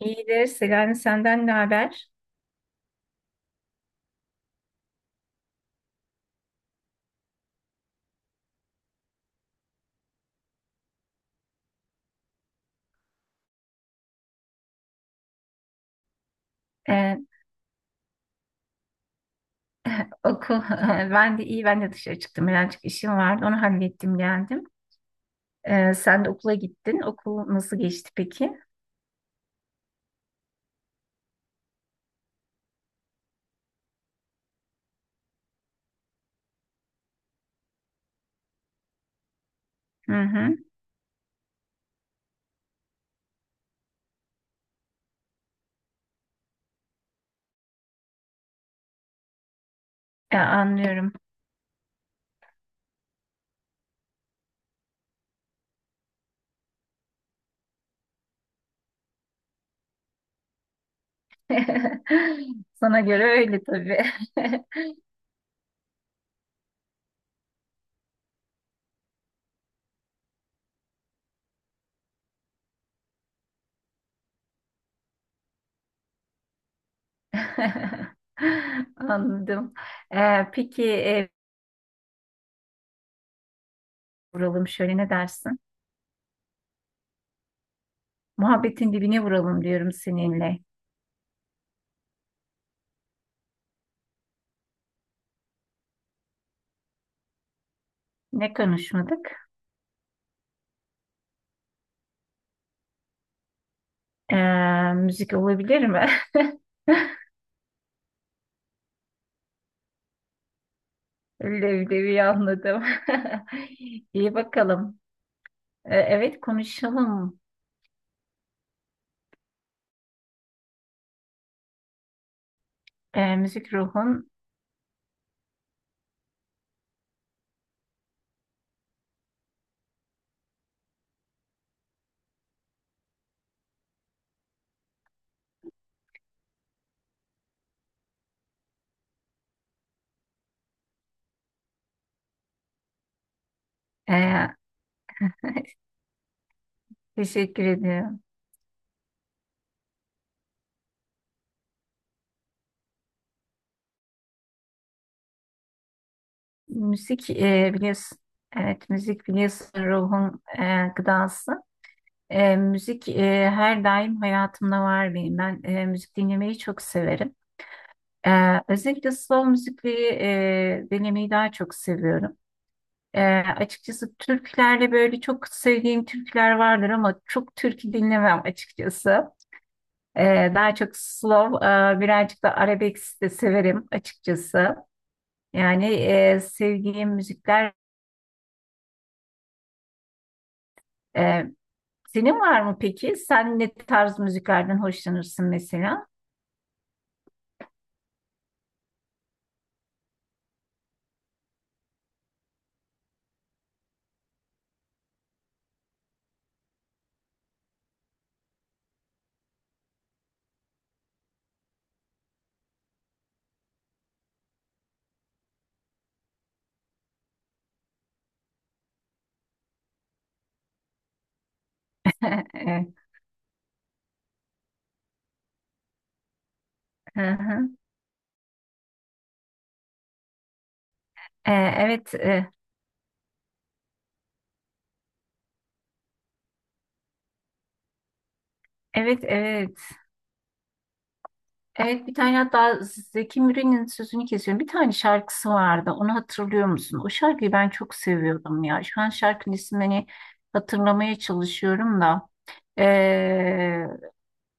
İyidir. Selami senden ne haber? Ee, okul. Ben de iyi. Ben de dışarı çıktım. Birazcık işim vardı. Onu hallettim geldim. Sen de okula gittin. Okul nasıl geçti peki? Hı hı. Ya, anlıyorum. Sana göre öyle tabii. Anladım. Peki vuralım şöyle ne dersin? Muhabbetin dibine vuralım diyorum seninle. Ne konuşmadık? Ee, müzik olabilir mi? Leblebi anladım. İyi bakalım. Evet konuşalım. Müzik ruhun. Ee, teşekkür ediyorum. Müzik biliyorsun. Evet müzik biliyorsun ruhun gıdası. Müzik her daim hayatımda var benim. Ben müzik dinlemeyi çok severim. Özellikle slow müzikleri dinlemeyi daha çok seviyorum. Ee, açıkçası türkülerde böyle çok sevdiğim türküler vardır ama çok türkü dinlemem açıkçası. Daha çok slow, birazcık da arabesk de severim açıkçası. Yani sevdiğim müzikler. e, Senin var mı peki? Sen ne tarz müziklerden hoşlanırsın mesela? Evet. Hı hı. Evet, evet, evet. Evet bir tane hatta Zeki Müren'in sözünü kesiyorum. Bir tane şarkısı vardı. Onu hatırlıyor musun? O şarkıyı ben çok seviyordum ya. Şu an şarkının ismini hani hatırlamaya çalışıyorum da. Ee,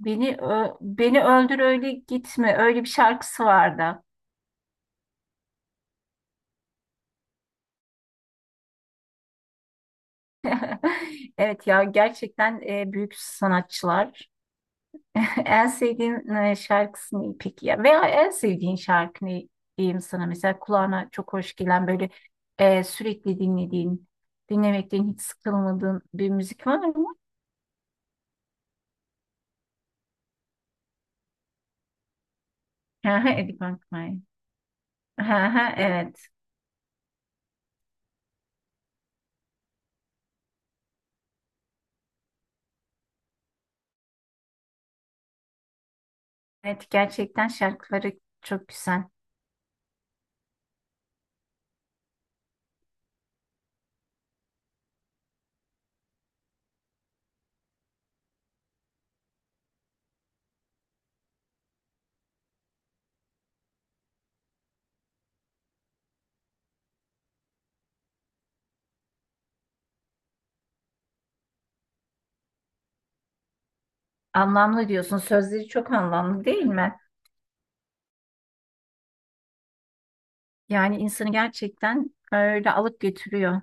beni öldür öyle gitme. Öyle bir şarkısı vardı. Evet ya gerçekten büyük sanatçılar. En sevdiğin şarkısı ne peki ya? Veya en sevdiğin şarkı ne diyeyim sana? Mesela kulağına çok hoş gelen böyle sürekli dinlediğin, dinlemekten hiç sıkılmadığın bir müzik var mı? Aha, Eddie Van. Aha, evet. Evet gerçekten şarkıları çok güzel. Anlamlı diyorsun. Sözleri çok anlamlı değil mi? Yani insanı gerçekten öyle alıp götürüyor.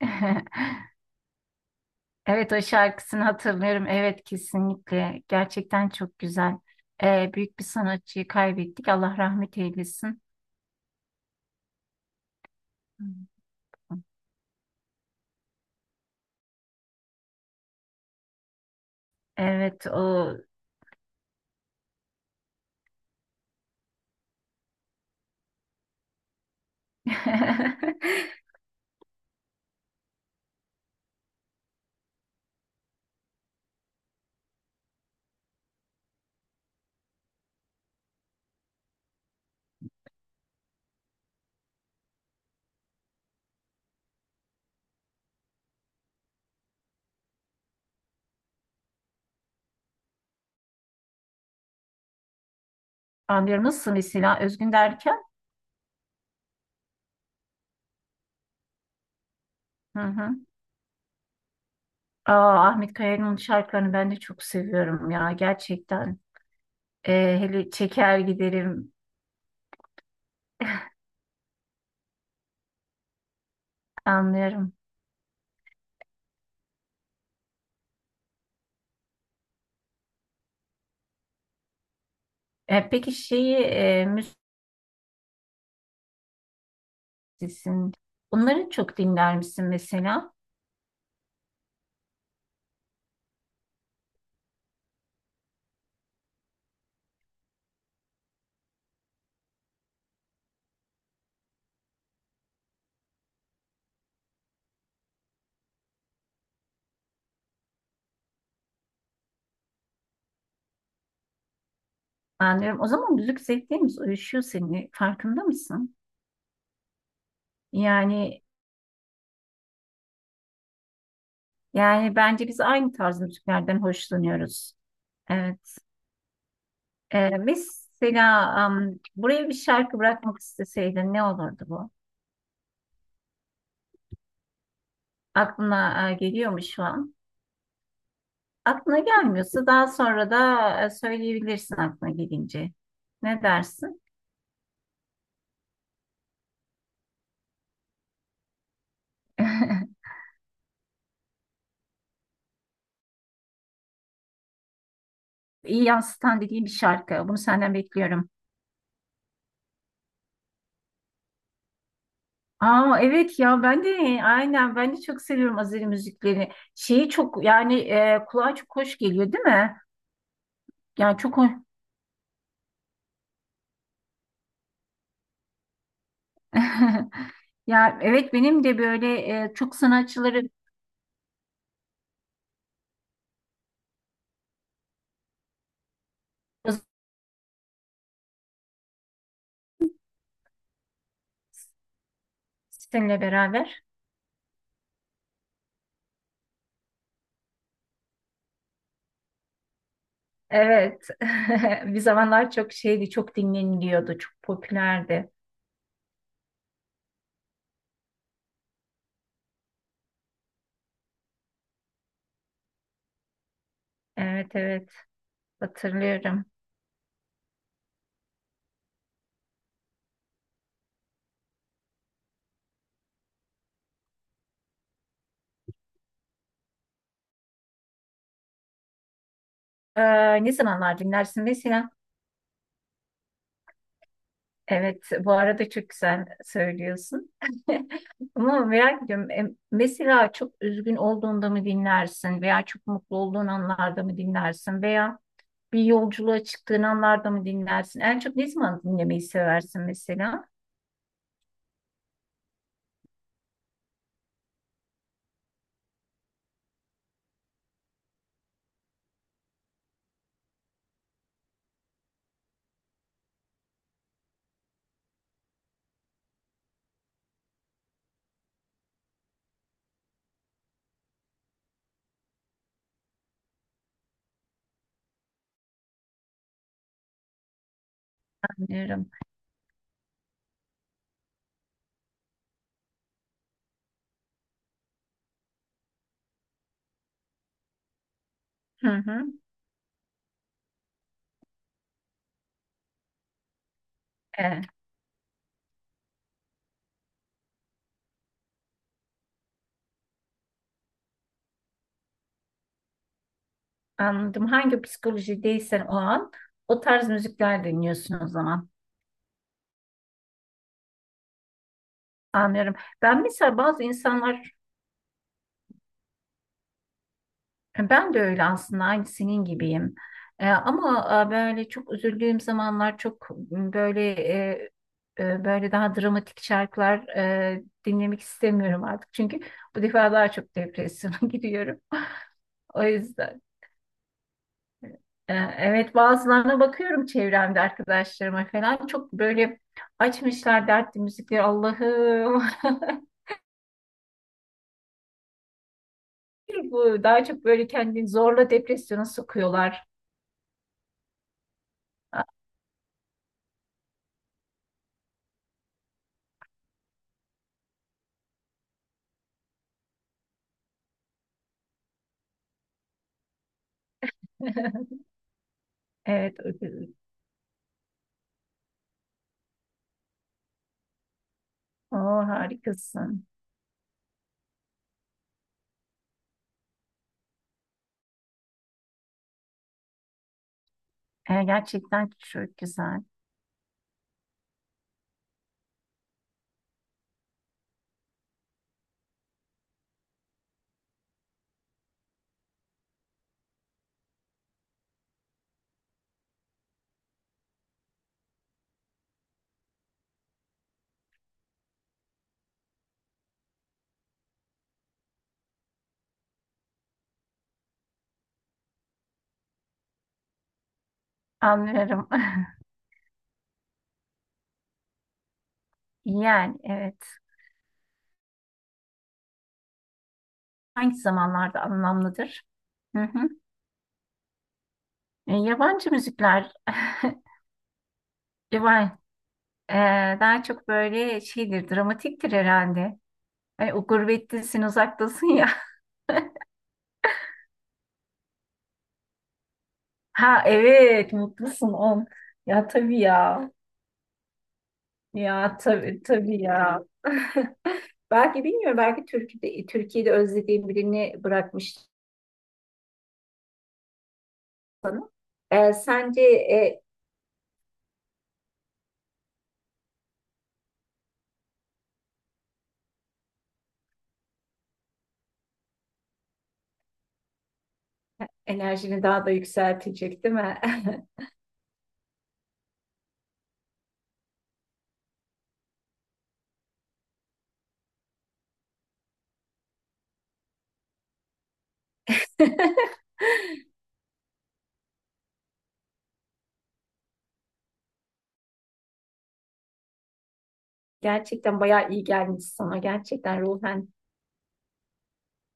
Evet o şarkısını hatırlıyorum. Evet kesinlikle. Gerçekten çok güzel. Büyük bir sanatçıyı kaybettik. Allah rahmet eylesin. Hı. Evet o. Anlıyorum. Nasıl mesela özgün derken? Hı hı. Aa, Ahmet Kaya'nın şarkılarını ben de çok seviyorum ya gerçekten. Hele çeker giderim anlıyorum. Peki şeyi müzisyen onları çok dinler misin mesela? Anlıyorum. O zaman müzik zevklerimiz uyuşuyor seninle. Farkında mısın? Yani yani bence biz aynı tarz müziklerden hoşlanıyoruz. Evet. Mesela buraya bir şarkı bırakmak isteseydin ne olurdu bu? Aklına geliyor mu şu an? Aklına gelmiyorsa daha sonra da söyleyebilirsin aklına gelince. Ne dersin? İyi yansıtan dediğim bir şarkı. Bunu senden bekliyorum. Aa, evet ya ben de aynen ben de çok seviyorum Azeri müzikleri. Şeyi çok yani kulağa çok hoş geliyor değil mi? Yani çok hoş. Ya evet benim de böyle çok sanatçıları seninle beraber. Evet. Bir zamanlar çok şeydi, çok dinleniliyordu, çok popülerdi. Evet, evet, hatırlıyorum. Ne zamanlar dinlersin mesela? Evet, bu arada çok güzel söylüyorsun. Ama merak ediyorum. Mesela çok üzgün olduğunda mı dinlersin veya çok mutlu olduğun anlarda mı dinlersin veya bir yolculuğa çıktığın anlarda mı dinlersin? En çok ne zaman dinlemeyi seversin mesela? Anlıyorum. Hı hı. E, Anladım. Hangi psikolojideysen o an o tarz müzikler dinliyorsun o zaman. Anlıyorum. Ben mesela bazı insanlar, ben de öyle aslında aynı senin gibiyim. Ama böyle çok üzüldüğüm zamanlar çok böyle böyle daha dramatik şarkılar dinlemek istemiyorum artık. Çünkü bu defa daha çok depresyona giriyorum. O yüzden. Evet, bazılarına bakıyorum çevremde arkadaşlarıma falan çok böyle açmışlar dertli müzikleri, Allah'ım. Bu daha çok böyle kendini zorla depresyona sokuyorlar. Evet, o harikasın. Gerçekten çok güzel anlıyorum. Yani evet hangi zamanlarda anlamlıdır? Hı hı. Yabancı müzikler. Yabancı, daha çok böyle şeydir dramatiktir herhalde. Ay, o gurbettesin, uzaktasın ya. Ha evet, mutlusun on. Ya tabii ya. Ya tabii tabii ya. Belki bilmiyorum, belki Türkiye'de, Türkiye'de özlediğim birini bırakmış. Sence enerjini daha da yükseltecek, değil mi? Gerçekten bayağı iyi gelmiş sana. Gerçekten ruhen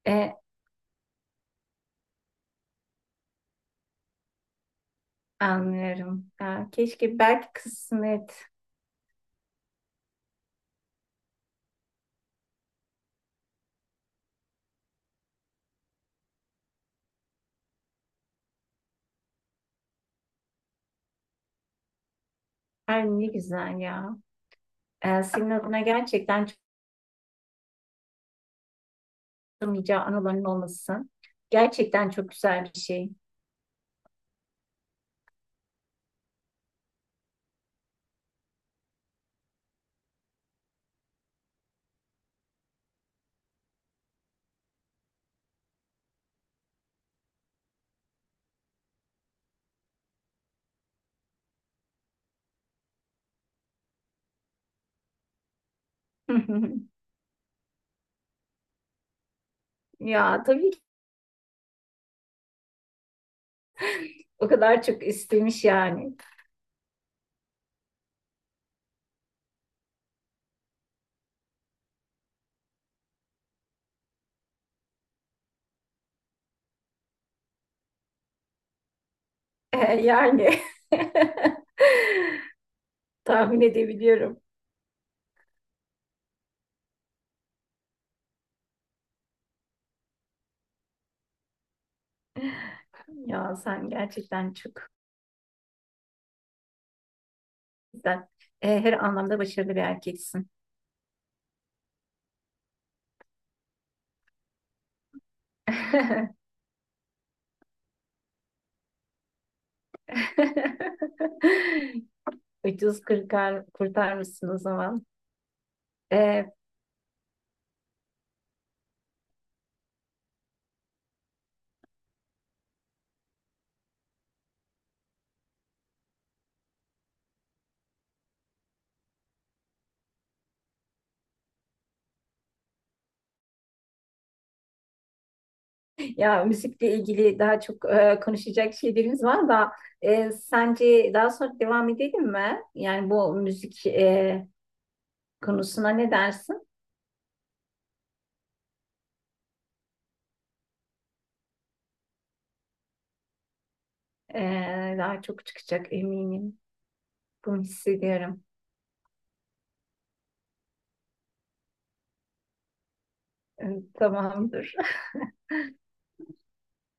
e, anlıyorum. Ya, keşke belki kısmet. Her ne güzel ya. Senin adına gerçekten unutamayacağı anıların olması gerçekten çok güzel bir şey. Ya tabii ki o kadar çok istemiş yani. Yani. Tahmin edebiliyorum. Ya sen gerçekten çok güzel. Eh, her anlamda başarılı bir erkeksin. Ucuz kurtar, kurtarmışsın o zaman. E, Ya müzikle ilgili daha çok konuşacak şeylerimiz var da sence daha sonra devam edelim mi? Yani bu müzik konusuna ne dersin? E, daha çok çıkacak eminim. Bunu hissediyorum. E, Tamamdır.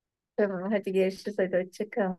Tamam, hadi görüşürüz. Hadi hoşça kal.